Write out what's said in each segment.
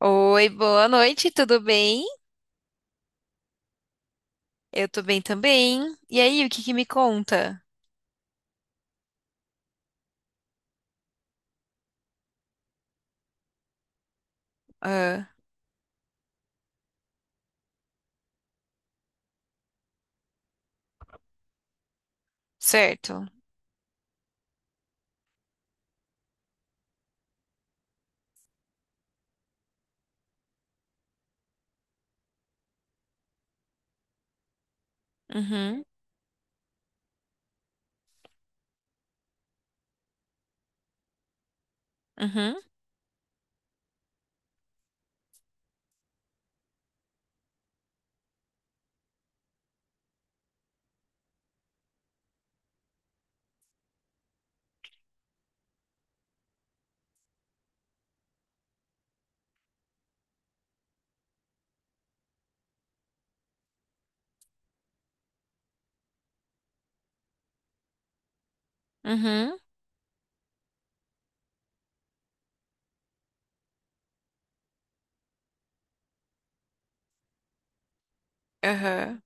Oi, boa noite, tudo bem? Eu tô bem também. E aí, o que que me conta? Ah, certo. Uhum, uhum, uhum, aham.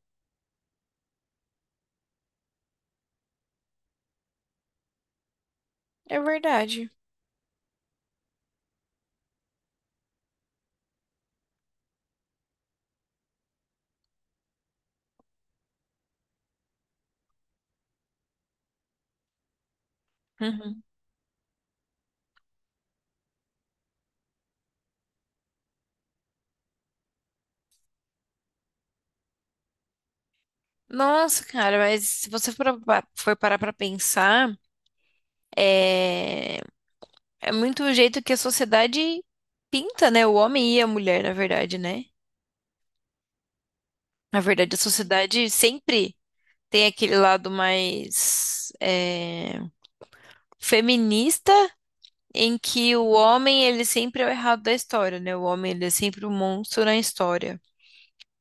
É verdade. Uhum. Nossa, cara, mas se você for parar pra pensar, é, é muito o jeito que a sociedade pinta, né? O homem e a mulher, na verdade, né? Na verdade, a sociedade sempre tem aquele lado mais feminista em que o homem ele sempre é o errado da história, né? O homem ele é sempre o monstro na história.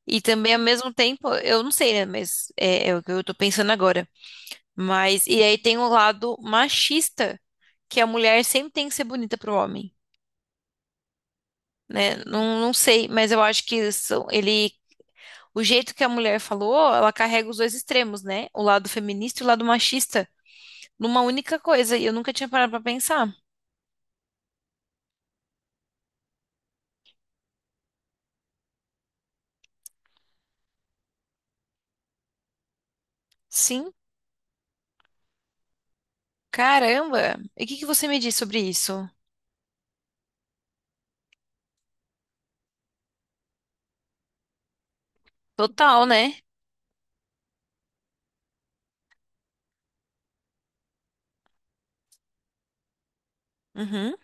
E também ao mesmo tempo, eu não sei, né? Mas é o que eu tô pensando agora. Mas e aí tem o lado machista, que a mulher sempre tem que ser bonita pro homem, né? Não, não sei, mas eu acho que isso- ele o jeito que a mulher falou, ela carrega os dois extremos, né? O lado feminista e o lado machista, numa única coisa. E eu nunca tinha parado pra pensar. Sim, caramba. E o que que você me diz sobre isso? Total, né? Uhum,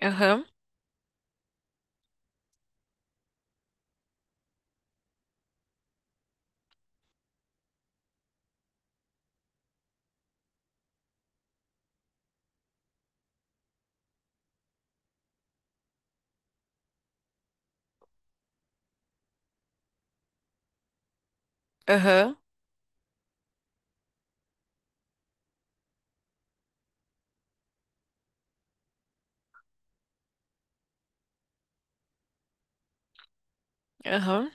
aham, aham, aham,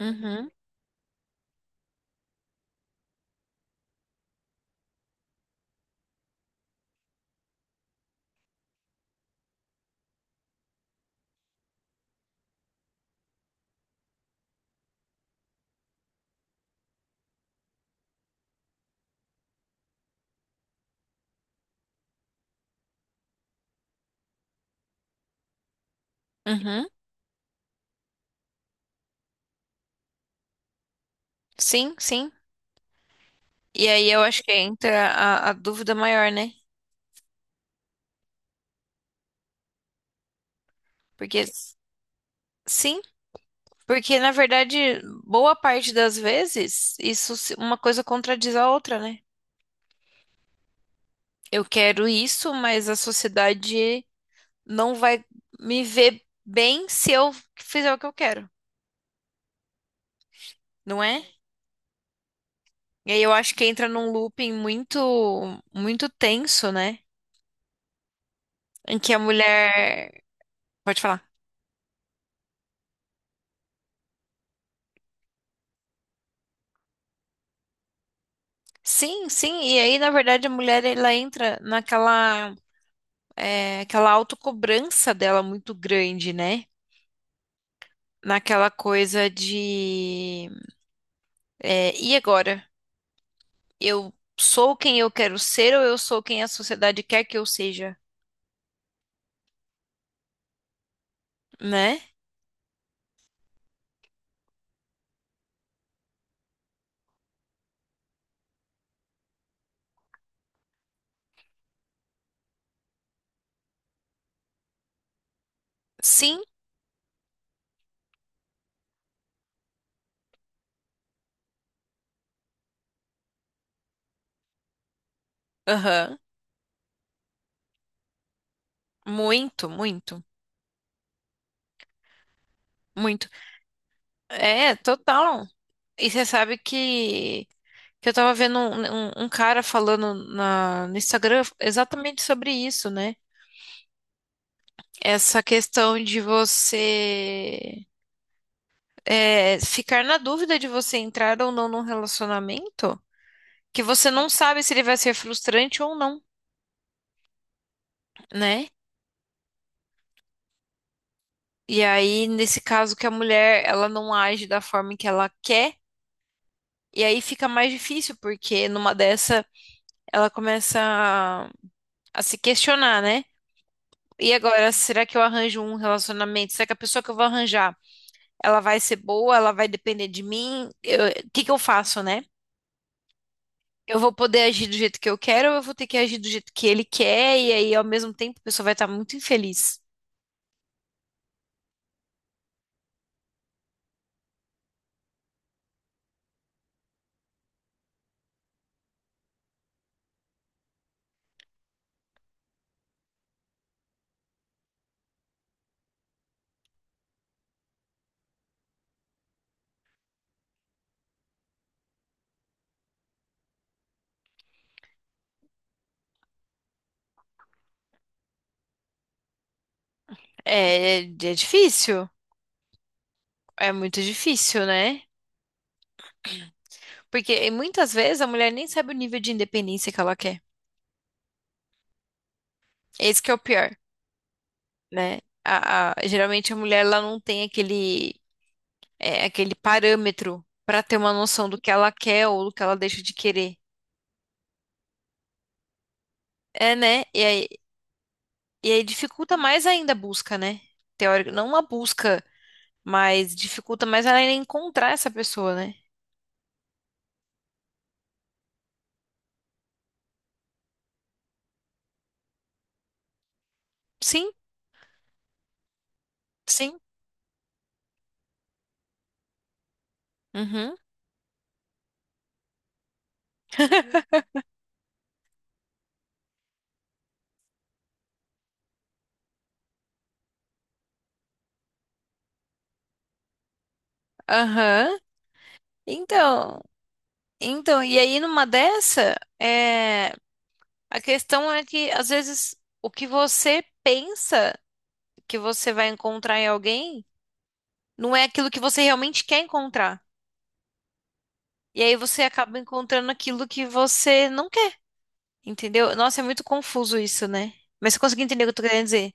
uhum, uhum. Sim, sim. E aí eu acho que entra a dúvida maior, né? Porque, sim, porque na verdade, boa parte das vezes, uma coisa contradiz a outra, né? Eu quero isso, mas a sociedade não vai me ver bem se eu fizer o que eu quero, não é? E aí eu acho que entra num looping muito, muito tenso, né? Em que a mulher. Pode falar. Sim, sim, e aí na verdade a mulher ela entra aquela autocobrança dela muito grande, né? Naquela coisa de e agora? Eu sou quem eu quero ser ou eu sou quem a sociedade quer que eu seja, né? Sim, aham. Muito, muito, muito. É, total. E você sabe que eu tava vendo um cara falando no Instagram exatamente sobre isso, né? Essa questão de ficar na dúvida de você entrar ou não num relacionamento, que você não sabe se ele vai ser frustrante ou não, né? E aí, nesse caso que a mulher, ela não age da forma que ela quer, e aí fica mais difícil, porque numa dessa, ela começa a se questionar, né? E agora, será que eu arranjo um relacionamento? Será que a pessoa que eu vou arranjar, ela vai ser boa? Ela vai depender de mim? O que que eu faço, né? Eu vou poder agir do jeito que eu quero, ou eu vou ter que agir do jeito que ele quer, e aí ao mesmo tempo a pessoa vai estar muito infeliz. É difícil, é muito difícil, né? Porque e muitas vezes a mulher nem sabe o nível de independência que ela quer. Esse que é o pior, né? Geralmente a mulher ela não tem aquele parâmetro para ter uma noção do que ela quer ou do que ela deixa de querer. É, né? E aí, dificulta mais ainda a busca, né? Teórico, não uma busca. Mas dificulta mais ela encontrar essa pessoa, né? Sim, sim. Uhum. Aham. Então, então, e aí numa dessa, a questão é que às vezes o que você pensa que você vai encontrar em alguém não é aquilo que você realmente quer encontrar. E aí você acaba encontrando aquilo que você não quer, entendeu? Nossa, é muito confuso isso, né? Mas você conseguiu entender o que eu tô querendo dizer?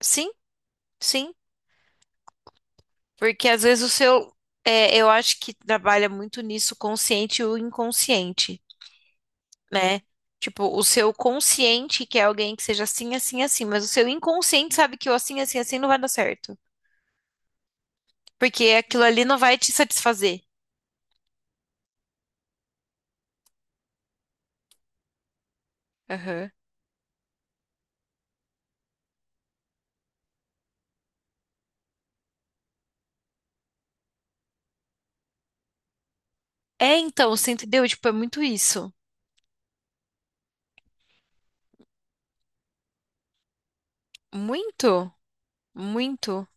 Sim, sim. Porque às vezes eu acho que trabalha muito nisso, consciente e o inconsciente, né? Tipo, o seu consciente quer alguém que seja assim, assim, assim, mas o seu inconsciente sabe que o assim, assim, assim não vai dar certo. Porque aquilo ali não vai te satisfazer. Aham. É, então, você entendeu? Tipo, é muito isso. Muito, muito.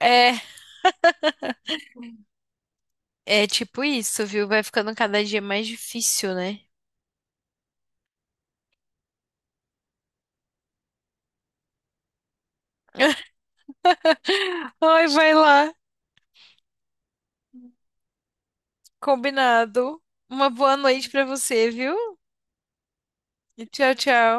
É, é tipo isso, viu? Vai ficando cada dia mais difícil, né? Ai, vai lá. Combinado. Uma boa noite pra você, viu? E tchau, tchau.